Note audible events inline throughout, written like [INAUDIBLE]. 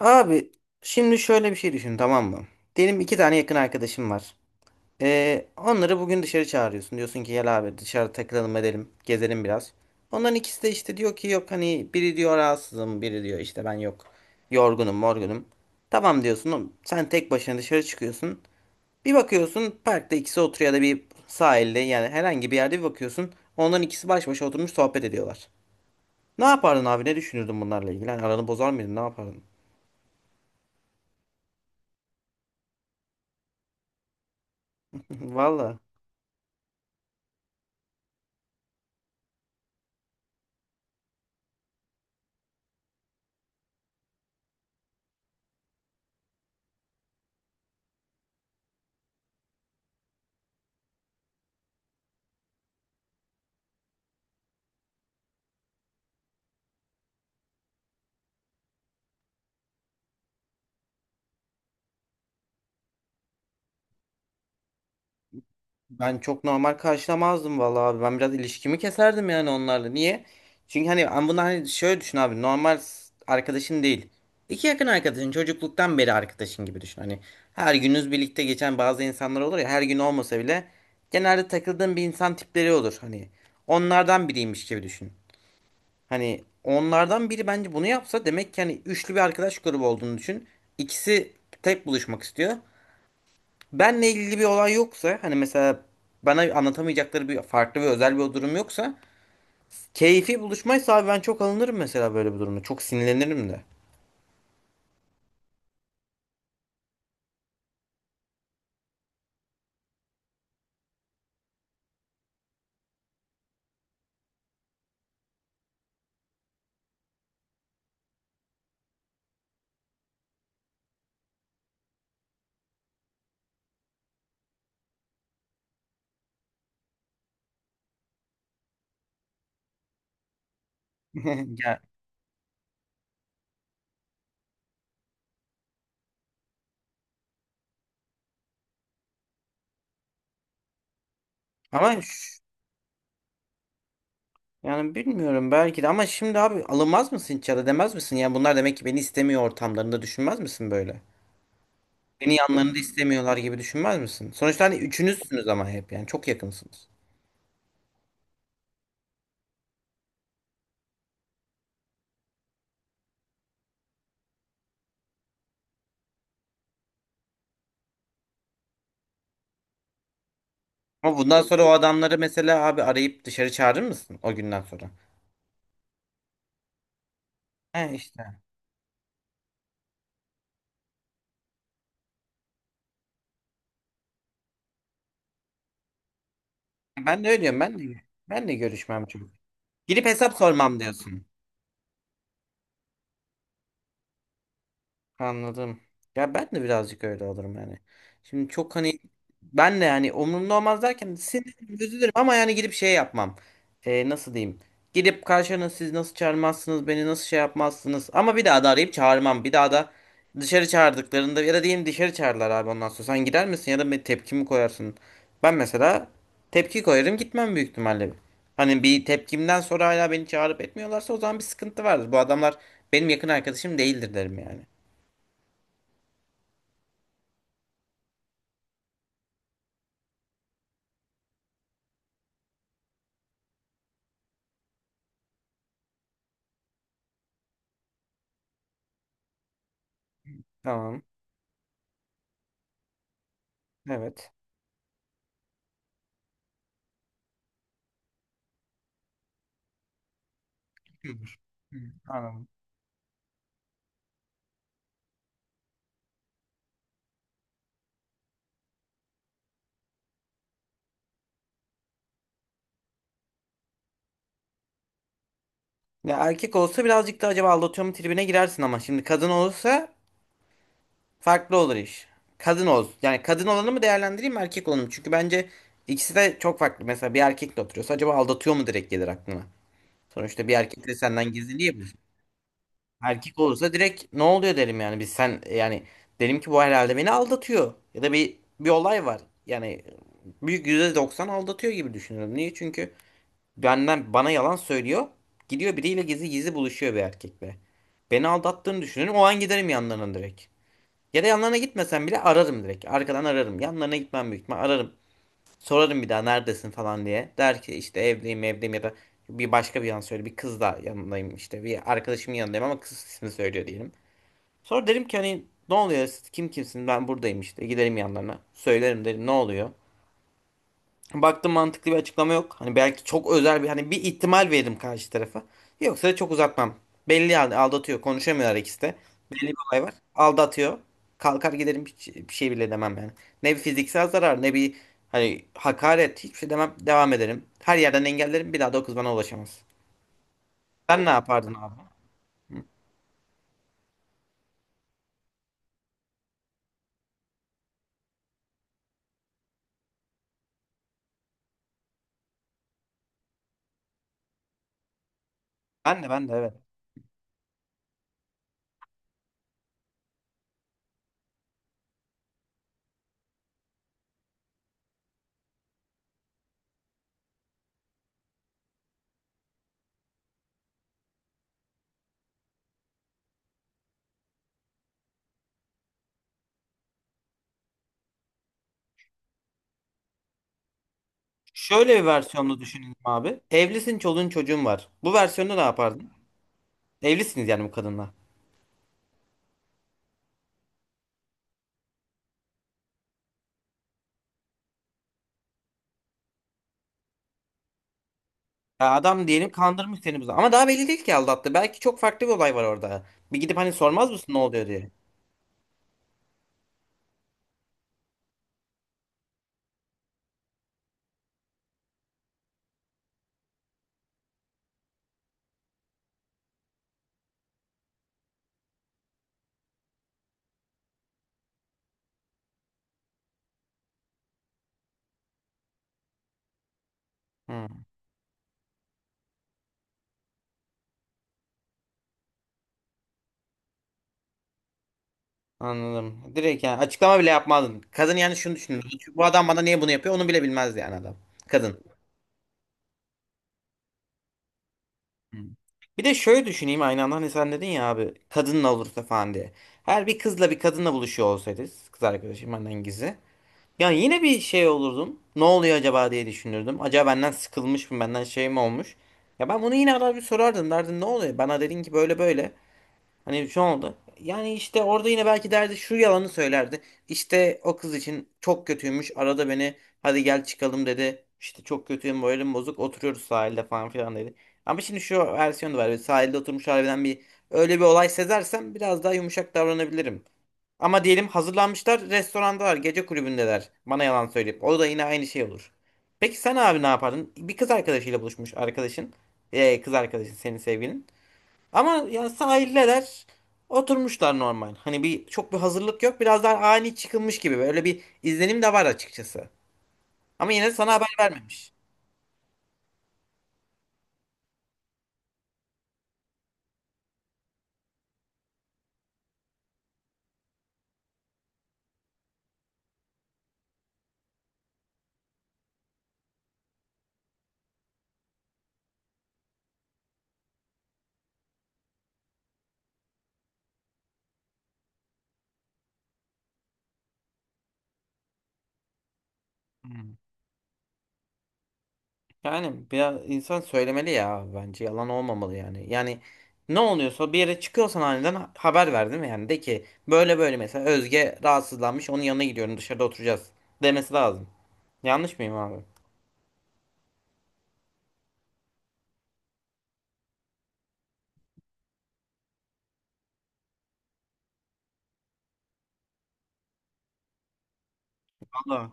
Abi şimdi şöyle bir şey düşün tamam mı? Diyelim iki tane yakın arkadaşım var. Onları bugün dışarı çağırıyorsun. Diyorsun ki gel abi dışarı takılalım edelim. Gezelim biraz. Onların ikisi de işte diyor ki yok hani biri diyor rahatsızım biri diyor işte ben yok. Yorgunum morgunum. Tamam diyorsun oğlum, sen tek başına dışarı çıkıyorsun. Bir bakıyorsun parkta ikisi oturuyor ya da bir sahilde yani herhangi bir yerde bir bakıyorsun. Onların ikisi baş başa oturmuş sohbet ediyorlar. Ne yapardın abi ne düşünürdün bunlarla ilgili? Hani aranı bozar mıydın ne yapardın? [LAUGHS] Valla. Ben çok normal karşılamazdım vallahi abi. Ben biraz ilişkimi keserdim yani onlarla. Niye? Çünkü hani ben bunu hani şöyle düşün abi. Arkadaşın değil. İki yakın arkadaşın, çocukluktan beri arkadaşın gibi düşün. Hani her gününüz birlikte geçen bazı insanlar olur ya her gün olmasa bile genelde takıldığın bir insan tipleri olur. Hani onlardan biriymiş gibi düşün. Hani onlardan biri bence bunu yapsa demek ki hani üçlü bir arkadaş grubu olduğunu düşün. İkisi tek buluşmak istiyor. Benle ilgili bir olay yoksa hani mesela bana anlatamayacakları bir farklı ve özel bir durum yoksa keyfi buluşmaysa abi ben çok alınırım mesela böyle bir durumda. Çok sinirlenirim de. [LAUGHS] Ya, ama ş- yani bilmiyorum belki de ama şimdi abi alınmaz mısın hiç ya da demez misin? Yani bunlar demek ki beni istemiyor ortamlarında düşünmez misin böyle? Beni yanlarında istemiyorlar gibi düşünmez misin? Sonuçta hani üçünüzsünüz ama hep yani çok yakınsınız. Ama bundan sonra o adamları mesela abi arayıp dışarı çağırır mısın o günden sonra? He işte. Ben de öyle diyorum. Ben de görüşmem çok. Gidip hesap sormam diyorsun. Anladım. Ya ben de birazcık öyle olurum yani. Şimdi çok hani ben de yani umurumda olmaz derken sinirlenirim, üzülürüm ama yani gidip şey yapmam. Nasıl diyeyim? Gidip karşına siz nasıl çağırmazsınız, beni nasıl şey yapmazsınız. Ama bir daha da arayıp çağırmam. Bir daha da dışarı çağırdıklarında ya da diyelim dışarı çağırdılar abi ondan sonra. Sen gider misin ya da bir tepki mi koyarsın? Ben mesela tepki koyarım gitmem büyük ihtimalle. Hani bir tepkimden sonra hala beni çağırıp etmiyorlarsa o zaman bir sıkıntı vardır. Bu adamlar benim yakın arkadaşım değildir derim yani. Tamam. Evet. Yapıyordur. Hı. Anladım. Ya erkek olsa birazcık da acaba aldatıyor mu tribine girersin ama şimdi kadın olursa farklı olur iş. Kadın ol. Yani kadın olanı mı değerlendireyim mi erkek olanı mı? Çünkü bence ikisi de çok farklı. Mesela bir erkekle oturuyorsa acaba aldatıyor mu direkt gelir aklına. Sonuçta bir erkek de senden gizli niye bu? Erkek olursa direkt ne oluyor derim yani. Biz sen yani derim ki bu herhalde beni aldatıyor. Ya da bir olay var. Yani büyük %90 aldatıyor gibi düşünüyorum. Niye? Çünkü benden bana yalan söylüyor. Gidiyor biriyle gizli gizli buluşuyor bir erkekle. Beni aldattığını düşünüyorum. O an giderim yanlarına direkt. Ya da yanlarına gitmesem bile ararım direkt. Arkadan ararım. Yanlarına gitmem büyük ihtimal ararım. Sorarım bir daha neredesin falan diye. Der ki işte evdeyim evdeyim ya da bir başka bir yan söyle. Bir kız da yanındayım işte. Bir arkadaşımın yanındayım ama kız ismini söylüyor diyelim. Sonra derim ki hani ne oluyor siz kim kimsin ben buradayım işte. Giderim yanlarına. Söylerim derim ne oluyor. Baktım mantıklı bir açıklama yok. Hani belki çok özel bir hani bir ihtimal veririm karşı tarafa. Yoksa da çok uzatmam. Belli yani aldatıyor. Konuşamıyorlar ikisi de. Belli bir olay var. Aldatıyor. Kalkar giderim hiç bir şey bile demem yani. Ne bir fiziksel zarar ne bir hani hakaret hiçbir şey demem. Devam ederim. Her yerden engellerim. Bir daha da o kız bana ulaşamaz. Sen ne yapardın abi? Ben de evet. Şöyle bir versiyonunu düşünelim abi. Evlisin, çoluğun çocuğun var. Bu versiyonda ne yapardın? Evlisiniz yani bu kadınla. Ya adam diyelim kandırmış seni bu zaman. Ama daha belli değil ki aldattı. Belki çok farklı bir olay var orada. Bir gidip hani sormaz mısın ne oluyor diye. Hı, anladım. Direkt yani açıklama bile yapmazdın. Kadın yani şunu düşünür. Bu adam bana niye bunu yapıyor onu bile bilmez yani adam. Kadın. Hı. Bir de şöyle düşüneyim aynı anda hani sen dedin ya abi kadınla olursa falan diye. Her bir kızla bir kadınla buluşuyor olsaydı, kız arkadaşım benden gizli. Ya yine bir şey olurdum. Ne oluyor acaba diye düşünürdüm. Acaba benden sıkılmış mı? Benden şey mi olmuş? Ya ben bunu yine arar bir sorardım. Derdim ne oluyor? Bana dedin ki böyle böyle. Hani şu oldu. Yani işte orada yine belki derdi şu yalanı söylerdi. İşte o kız için çok kötüymüş. Arada beni hadi gel çıkalım dedi. İşte çok kötüyüm moralim bozuk. Oturuyoruz sahilde falan filan dedi. Ama şimdi şu versiyonu var. Sahilde oturmuş harbiden bir öyle bir olay sezersem biraz daha yumuşak davranabilirim. Ama diyelim hazırlanmışlar, restorandalar, gece kulübündeler. Bana yalan söyleyip. O da yine aynı şey olur. Peki sen abi ne yapardın? Bir kız arkadaşıyla buluşmuş arkadaşın. Kız arkadaşın senin sevgilin. Ama ya sahildeler. Oturmuşlar normal. Hani bir çok bir hazırlık yok. Biraz daha ani çıkılmış gibi. Böyle bir izlenim de var açıkçası. Ama yine sana haber vermemiş. Hmm. Yani biraz insan söylemeli ya bence yalan olmamalı yani. Yani ne oluyorsa bir yere çıkıyorsan aniden haber ver değil mi? Yani de ki böyle böyle mesela Özge rahatsızlanmış onun yanına gidiyorum dışarıda oturacağız demesi lazım. Yanlış mıyım abi? Valla.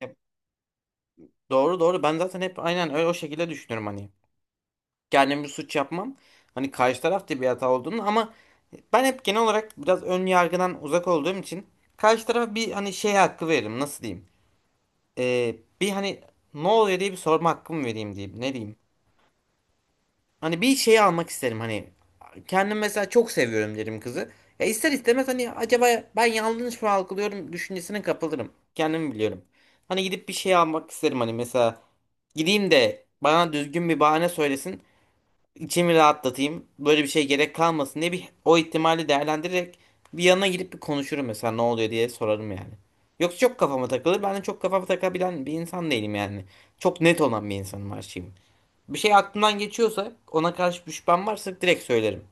Hep- doğru doğru ben zaten hep aynen öyle o şekilde düşünüyorum hani. Kendim bir suç yapmam. Hani karşı taraf da bir hata olduğunu ama ben hep genel olarak biraz ön yargıdan uzak olduğum için karşı tarafa bir hani şey hakkı veririm nasıl diyeyim. Bir hani ne oluyor diye bir sorma hakkımı vereyim diyeyim. Ne diyeyim? Hani bir şey almak isterim hani. Kendim mesela çok seviyorum derim kızı. Ya ister istemez hani acaba ben yanlış mı algılıyorum düşüncesine kapılırım. Kendimi biliyorum. Hani gidip bir şey almak isterim hani mesela gideyim de bana düzgün bir bahane söylesin. İçimi rahatlatayım. Böyle bir şey gerek kalmasın diye bir o ihtimali değerlendirerek bir yanına gidip bir konuşurum mesela ne oluyor diye sorarım yani. Yoksa çok kafama takılır. Ben de çok kafama takabilen bir insan değilim yani. Çok net olan bir insanım her şeyim. Bir şey aklımdan geçiyorsa ona karşı bir şüphem varsa direkt söylerim.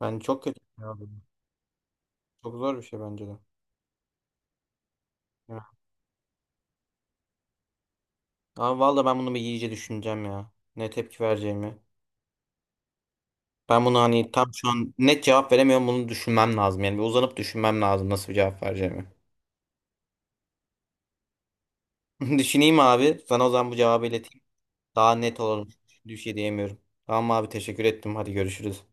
Ben çok kötü. Ya bu. Çok zor bir şey bence de. Ya. Abi valla ben bunu bir iyice düşüneceğim ya. Ne tepki vereceğimi. Ben bunu hani tam şu an net cevap veremiyorum. Bunu düşünmem lazım. Yani bir uzanıp düşünmem lazım nasıl bir cevap vereceğimi. [LAUGHS] Düşüneyim abi. Sana o zaman bu cevabı ileteyim. Daha net olalım. Düş diyemiyorum. Tamam abi teşekkür ettim. Hadi görüşürüz.